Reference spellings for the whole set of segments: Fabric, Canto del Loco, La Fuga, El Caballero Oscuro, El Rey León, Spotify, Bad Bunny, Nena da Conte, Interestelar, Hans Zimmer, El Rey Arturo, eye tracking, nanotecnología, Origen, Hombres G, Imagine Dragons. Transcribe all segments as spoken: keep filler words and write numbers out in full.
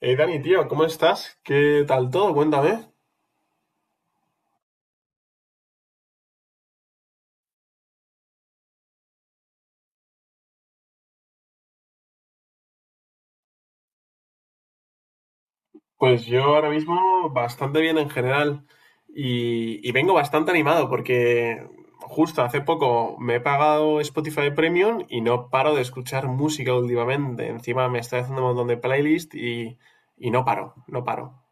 Hey Dani, tío, ¿cómo estás? ¿Qué tal todo? Cuéntame. Pues yo ahora mismo bastante bien en general y, y vengo bastante animado porque justo hace poco me he pagado Spotify Premium y no paro de escuchar música últimamente. Encima me estoy haciendo un montón de playlist y, y no paro, no paro.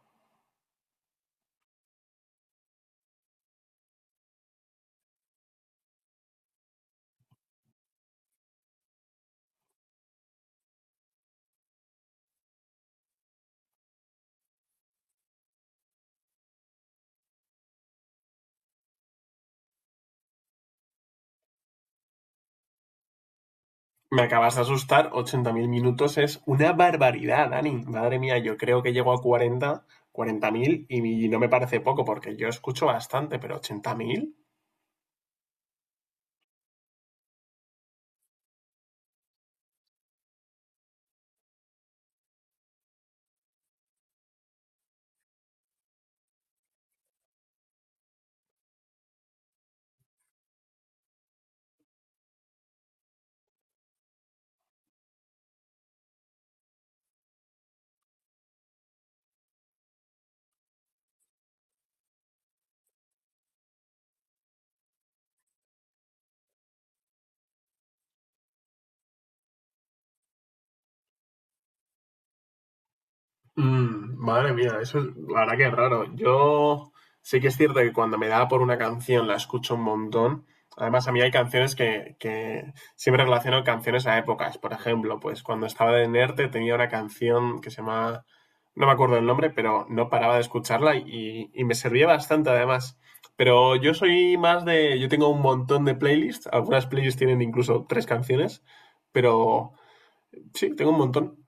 Me acabas de asustar, ochenta mil minutos es una barbaridad, Dani. Madre mía, yo creo que llego a cuarenta cuarenta mil y mi- no me parece poco porque yo escucho bastante, pero ochenta mil. Mm, madre mía, eso es, la verdad que es raro. Yo sí que es cierto que cuando me da por una canción la escucho un montón. Además, a mí hay canciones que, que siempre relaciono canciones a épocas. Por ejemplo, pues cuando estaba de Nerte tenía una canción que se llama, no me acuerdo el nombre, pero no paraba de escucharla y, y me servía bastante además. Pero yo soy más de, yo tengo un montón de playlists. Algunas playlists tienen incluso tres canciones, pero sí, tengo un montón.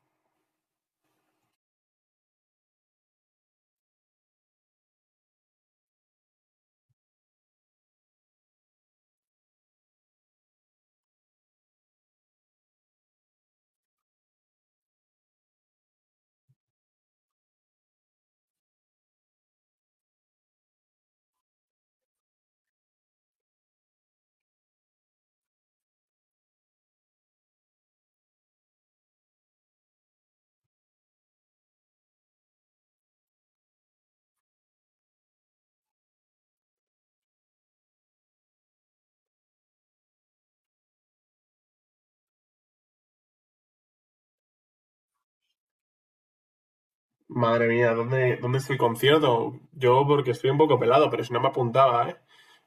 Madre mía, ¿dónde, dónde estoy concierto? Yo porque estoy un poco pelado, pero si no me apuntaba, ¿eh?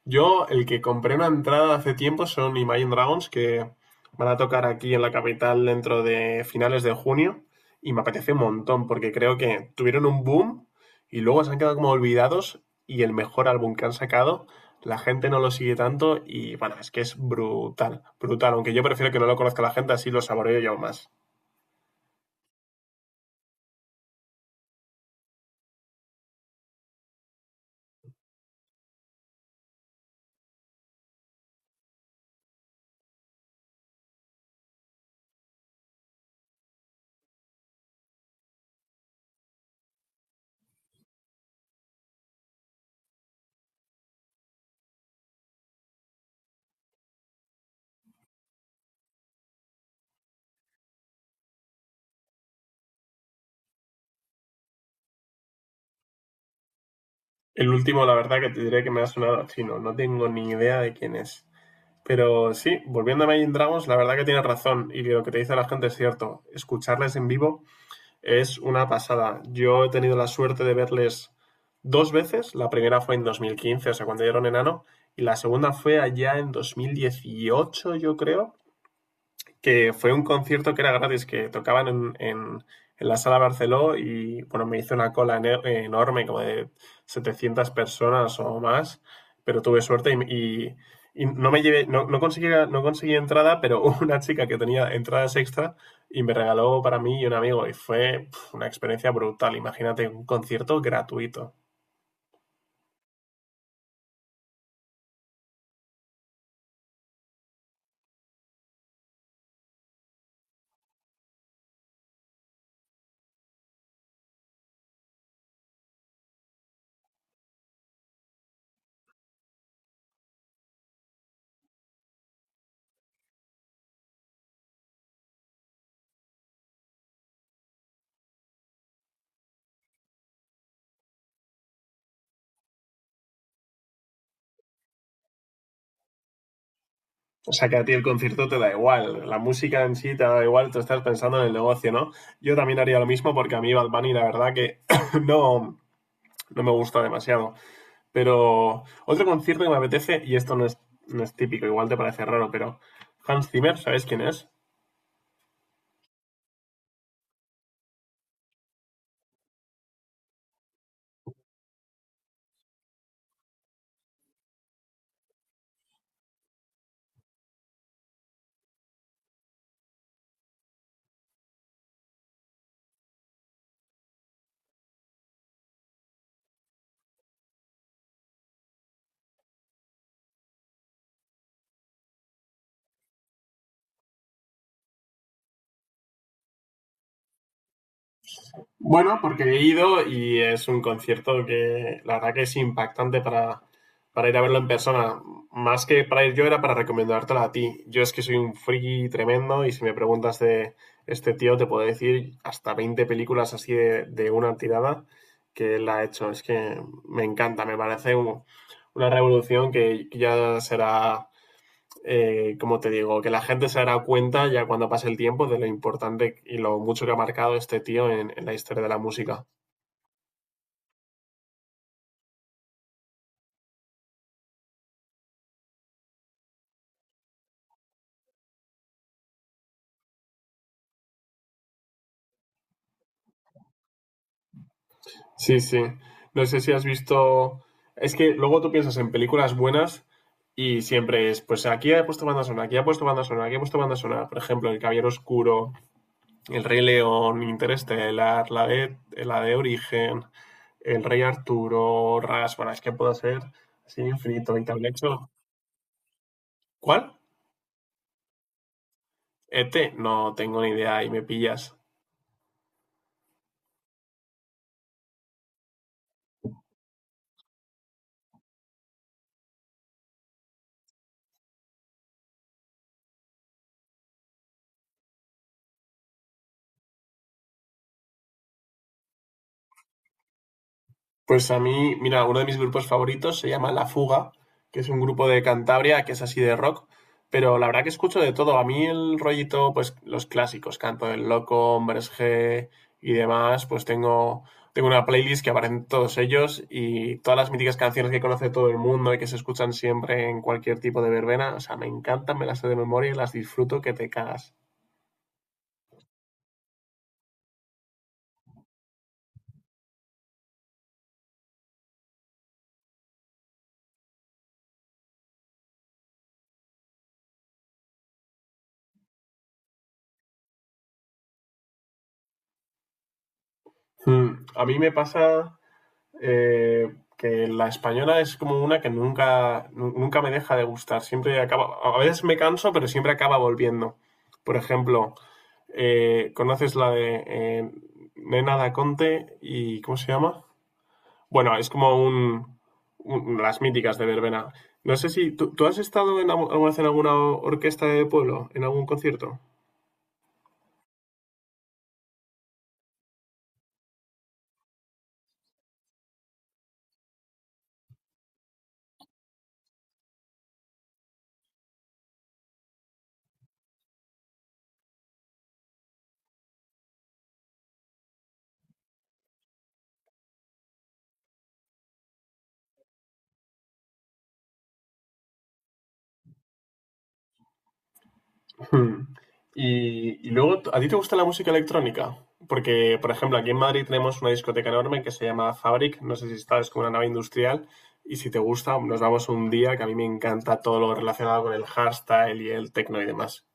Yo, el que compré una entrada hace tiempo son Imagine Dragons, que van a tocar aquí en la capital dentro de finales de junio, y me apetece un montón, porque creo que tuvieron un boom y luego se han quedado como olvidados, y el mejor álbum que han sacado, la gente no lo sigue tanto, y bueno, es que es brutal, brutal, aunque yo prefiero que no lo conozca la gente, así lo saboreo yo más. El último, la verdad que te diré que me ha sonado a chino, no tengo ni idea de quién es. Pero sí, volviendo a Imagine Dragons, la verdad que tienes razón y lo que te dice la gente es cierto. Escucharles en vivo es una pasada. Yo he tenido la suerte de verles dos veces. La primera fue en dos mil quince, o sea, cuando dieron enano, y la segunda fue allá en dos mil dieciocho, yo creo, que fue un concierto que era gratis, que tocaban en, en, en la sala Barceló y bueno, me hice una cola ene- enorme, como de setecientas personas o más, pero tuve suerte y, y- y no me llevé, no, no conseguí, no conseguí entrada, pero una chica que tenía entradas extra y me regaló para mí y un amigo y fue pf, una experiencia brutal. Imagínate un concierto gratuito. O sea, que a ti el concierto te da igual, la música en sí te da igual, tú estás pensando en el negocio, ¿no? Yo también haría lo mismo porque a mí Bad Bunny la verdad que no, no me gusta demasiado. Pero otro concierto que me apetece, y esto no es, no es típico, igual te parece raro, pero Hans Zimmer, ¿sabes quién es? Bueno, porque he ido y es un concierto que la verdad que es impactante para, para ir a verlo en persona. Más que para ir yo era para recomendártelo a ti. Yo es que soy un friki tremendo y si me preguntas de este tío te puedo decir hasta veinte películas así de, de una tirada que él ha hecho. Es que me encanta, me parece un- una revolución que que ya será eh, como te digo, que la gente se dará cuenta ya cuando pase el tiempo de lo importante y lo mucho que ha marcado este tío en, en la historia de la música. Sí, sí. No sé si has visto... Es que luego tú piensas en películas buenas y siempre es, pues aquí ha puesto banda sonora, aquí ha puesto banda sonora, aquí ha puesto banda sonora. Por ejemplo, El Caballero Oscuro, El Rey León, Interestelar, la de, la de Origen, El Rey Arturo, Ras, bueno, es que puedo ser así infinito, y también he hecho... ¿Cuál? Ete, no tengo ni idea y me pillas. Pues a mí, mira, uno de mis grupos favoritos se llama La Fuga, que es un grupo de Cantabria que es así de rock, pero la verdad que escucho de todo. A mí el rollito, pues los clásicos, Canto del Loco, Hombres G y demás, pues tengo, tengo una playlist que aparecen todos ellos y todas las míticas canciones que conoce todo el mundo y que se escuchan siempre en cualquier tipo de verbena. O sea, me encantan, me las sé de memoria y las disfruto que te cagas. Hmm, A mí me pasa eh, que la española es como una que nunca, nu- nunca me deja de gustar. Siempre acaba, a veces me canso, pero siempre acaba volviendo. Por ejemplo, eh, ¿conoces la de eh, Nena da Conte y cómo se llama? Bueno, es como un, un- las míticas de Verbena. No sé si tú, tú has estado en, algu- alguna vez en alguna orquesta de pueblo, en algún concierto. Hmm. Y, y luego, ¿a ti te gusta la música electrónica? Porque, por ejemplo, aquí en Madrid tenemos una discoteca enorme que se llama Fabric, no sé si está, es como una nave industrial, y si te gusta, nos vamos un día, que a mí me encanta todo lo relacionado con el hardstyle y el techno y demás.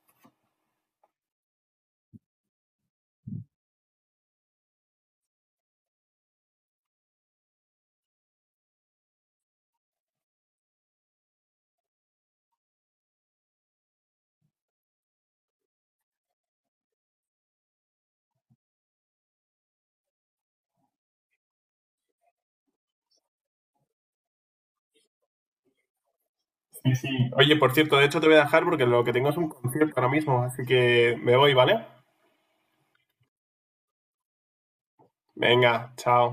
Sí, sí. Oye, por cierto, de hecho te voy a dejar porque lo que tengo es un concierto ahora mismo, así que me voy, ¿vale? Venga, chao.